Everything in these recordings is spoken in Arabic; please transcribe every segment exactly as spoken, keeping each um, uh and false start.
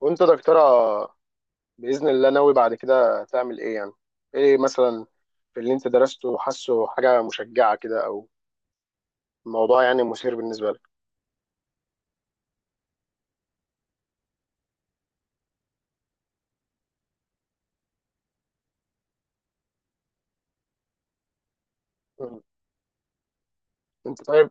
وانت دكتورة؟ بإذن الله ناوي بعد كده تعمل ايه يعني؟ ايه مثلا؟ في اللي انت درسته حاسه حاجة مشجعة كده او موضوع يعني مثير بالنسبة لك؟ مم. انت طيب؟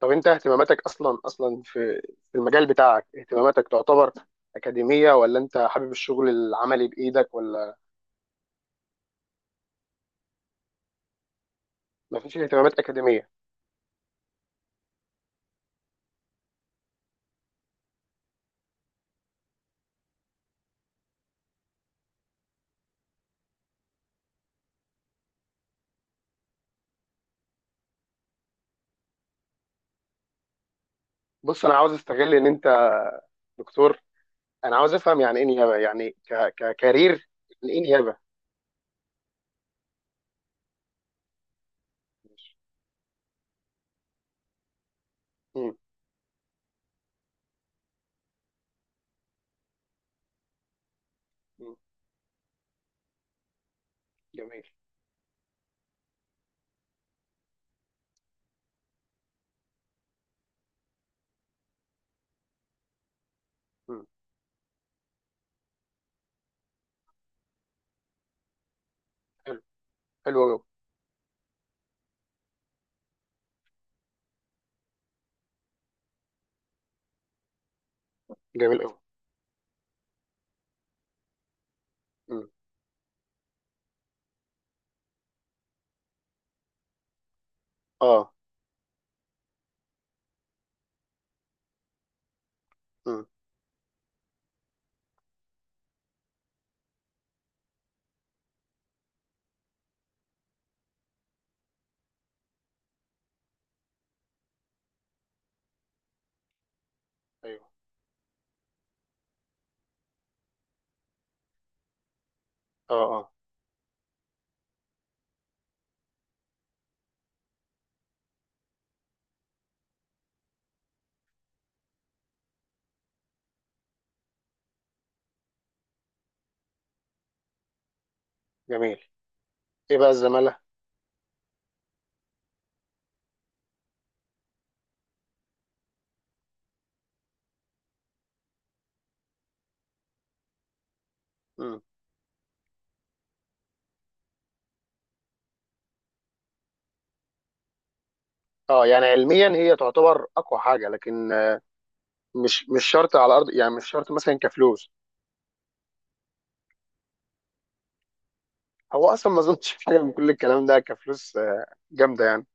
طب انت اهتماماتك اصلا اصلا في في المجال بتاعك، اهتماماتك تعتبر أكاديمية، ولا انت حابب الشغل العملي بإيدك، ولا مفيش اهتمامات أكاديمية؟ بص، انا عاوز استغل ان انت دكتور، انا عاوز افهم يعني ايه نيابة، يعني ك ككارير. يعني ايه نيابة؟ ماشي. مم. مم. جميل. مم. حلو. حلو أوي. جميل قوي. امم. اه. امم. ايوه. اه. اه. جميل. ايه بقى الزمالة؟ امم. اه. يعني علميا هي تعتبر اقوى حاجة، لكن آه، مش مش شرط على الارض، يعني مش شرط مثلا كفلوس. هو اصلا ما اظنش في حاجة من كل الكلام ده كفلوس، آه، جامدة يعني.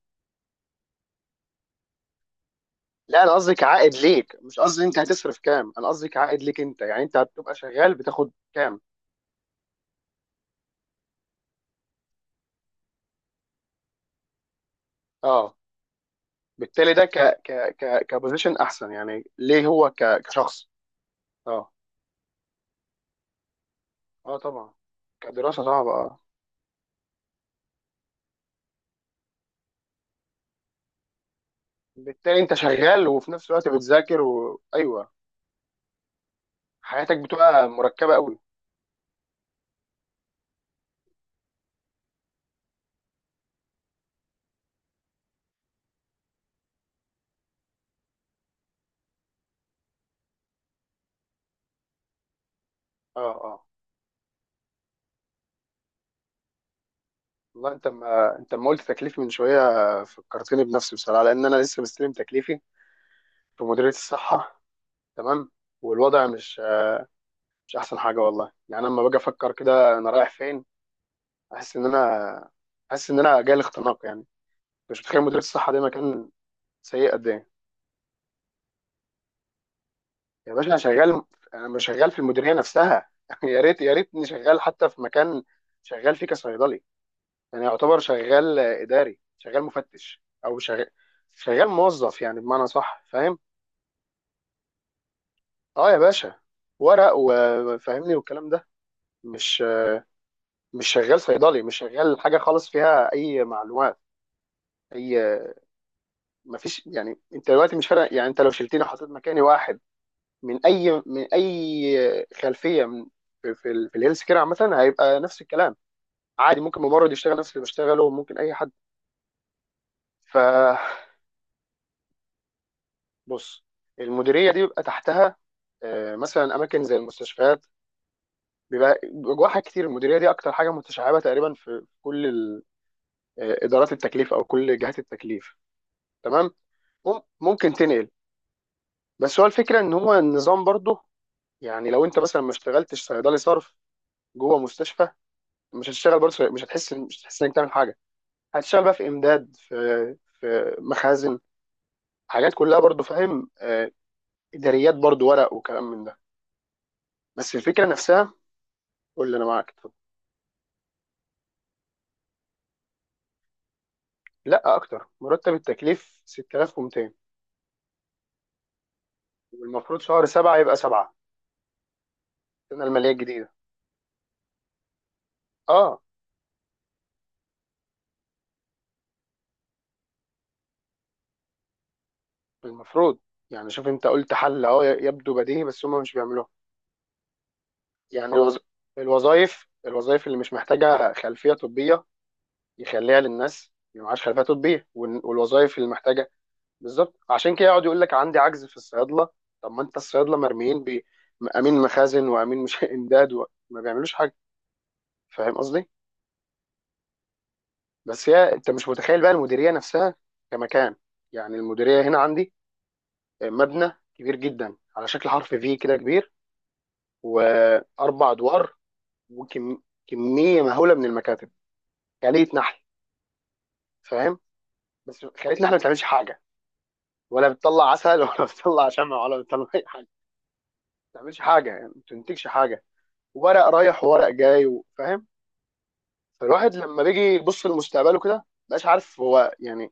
لا، انا قصدي كعائد ليك، مش قصدي انت هتصرف كام، انا قصدي كعائد ليك انت، يعني انت هتبقى شغال بتاخد كام؟ اه. بالتالي ده ك ك ك كبوزيشن احسن يعني ليه، هو ك كشخص؟ اه. اه، طبعا. كدراسة صعبة آه. بالتالي انت شغال وفي نفس الوقت بتذاكر، وايوه، حياتك بتبقى مركبه قوي. اه. اه. والله انت، ما انت ما قلت تكليف من شويه، فكرتني بنفسي بصراحه، لان انا لسه مستلم تكليفي في مديريه الصحه. تمام. والوضع مش مش احسن حاجه والله. يعني انا لما باجي افكر كده انا رايح فين، احس ان انا احس ان انا جاي الاختناق يعني. مش متخيل مديريه الصحه دي مكان سيء قد ايه. يا باشا، انا شغال، انا مش شغال في المديريه نفسها يا ريت يا ريتني شغال حتى في مكان شغال فيه كصيدلي، يعني يعتبر شغال اداري، شغال مفتش، او شغال شغال موظف، يعني بمعنى صح، فاهم؟ اه يا باشا، ورق وفاهمني والكلام ده. مش مش شغال صيدلي، مش شغال حاجه خالص فيها اي معلومات، اي مفيش. يعني انت دلوقتي مش فارق، يعني انت لو شلتني وحطيت مكاني واحد من اي من اي خلفيه، من في في, ال- في الهيلث كير عامه هيبقى نفس الكلام، عادي ممكن ممرض يشتغل نفس اللي بشتغله، وممكن اي حد. ف بص، المديريه دي بيبقى تحتها آه، مثلا اماكن زي المستشفيات، بيبقى جواها حاجات كتير، المديريه دي اكتر حاجه متشعبه تقريبا في كل ال- آه، ادارات التكليف او كل جهات التكليف. تمام. مم- ممكن تنقل، بس هو الفكره ان هو النظام برضه، يعني لو انت مثلا ما اشتغلتش صيدلي صرف جوه مستشفى، مش هتشتغل برضه، مش هتحس مش هتحس انك تعمل حاجه، هتشتغل بقى في امداد، في في مخازن، حاجات كلها برضه، فاهم؟ آه، اداريات برضه، ورق وكلام من ده، بس الفكره نفسها. قول لي، انا معاك. لا، اكتر، مرتب التكليف ستة آلاف ومائتين، والمفروض شهر سبعة يبقى سبعة، السنة المالية الجديدة. اه، المفروض. يعني شوف، انت قلت حل اهو يبدو بديهي، بس هم مش بيعملوها. يعني الوظ- الوظائف الوظائف اللي مش محتاجة خلفية طبية يخليها للناس اللي معهاش خلفية طبية، وال- والوظائف اللي محتاجة، بالظبط، عشان كده يقعد يقول لك عندي عجز في الصيادلة. طب ما انت الصيادلة مرميين بأمين مخازن وأمين مش إمداد، وما بيعملوش حاجة. فاهم قصدي؟ بس هي، انت مش متخيل بقى المديريه نفسها كمكان، يعني المديريه هنا عندي مبنى كبير جدا على شكل حرف في كده، كبير، واربع ادوار، وكميه مهوله من المكاتب، خليه نحل، فاهم؟ بس خليه نحل ما بتعملش حاجه، ولا بتطلع عسل ولا بتطلع شمع، ولا بتطلع اي حاجه، ما بتعملش حاجه، يعني ما بتنتجش حاجه، ورق رايح وورق جاي، فاهم؟ فالواحد لما بيجي يبص لمستقبله كده مبقاش عارف هو يعني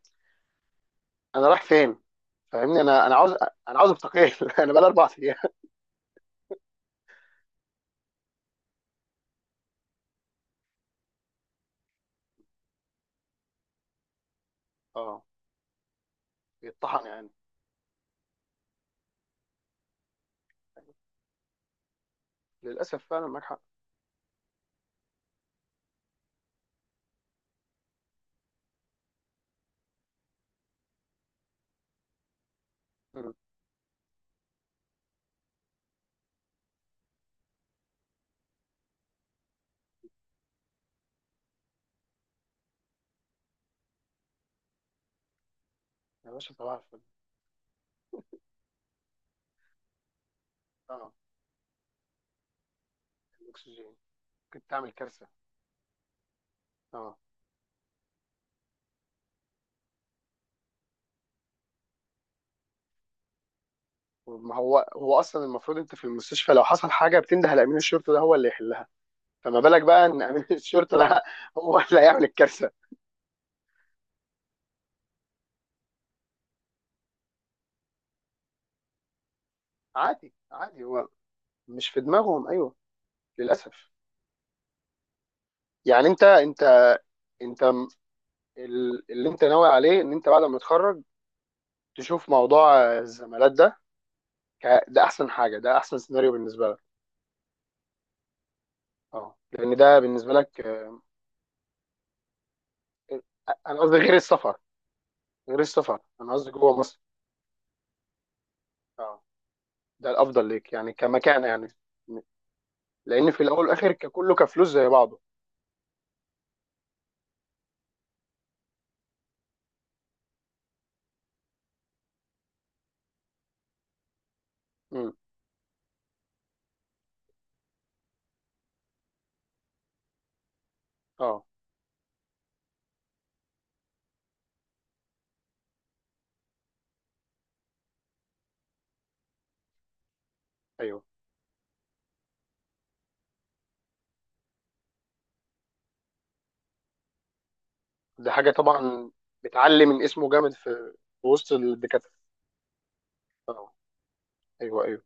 انا رايح فين، فاهمني؟ انا انا عاوز، انا عاوز استقيل انا بقى اربع. اه، يتطحن يعني، للاسف فعلا معاك حق. مم. يا باشا، صباح الفل. اه، الاكسجين ممكن تعمل كارثه. اه، ما هو هو اصلا المفروض، انت في المستشفى لو حصل حاجه بتنده لامين الشرطه ده هو اللي يحلها، فما بالك بقى ان امين الشرطه ده هو اللي هيعمل الكارثه. عادي، عادي، هو مش في دماغهم، ايوه، للاسف. يعني انت انت انت ال- اللي انت ناوي عليه ان انت بعد ما تتخرج تشوف موضوع الزمالات ده، ك- ده احسن حاجه، ده احسن سيناريو بالنسبه لك. اه، لان ده بالنسبه لك. انا قصدي غير السفر، غير السفر انا قصدي جوه مصر. اه، ده الافضل ليك يعني كمكانه يعني، لان في الاول والاخر ككله كفلوس زي بعضه. امم. اه. ايوه. ده حاجه طبعا بتعلي من اسمه جامد في في وسط الدكاتره. اه. ايوه. ايوه.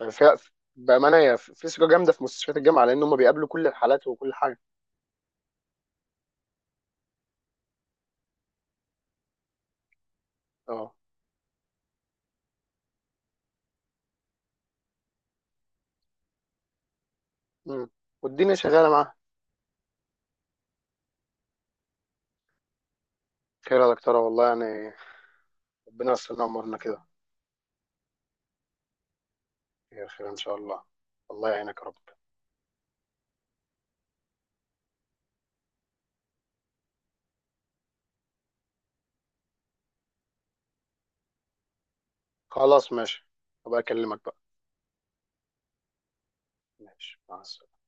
مم. فيها بامانه، هي في ثقه جامده في مستشفيات الجامعه لان هم بيقابلوا كل الحالات وكل حاجه. اه. امم. والدنيا شغاله معاها. خير يا دكتوره والله، يعني ربنا يستر امورنا كده. خير، خير ان شاء الله. الله يعينك يا رب. خلاص ماشي، هبقى اكلمك بقى. ماشي، مع السلامة.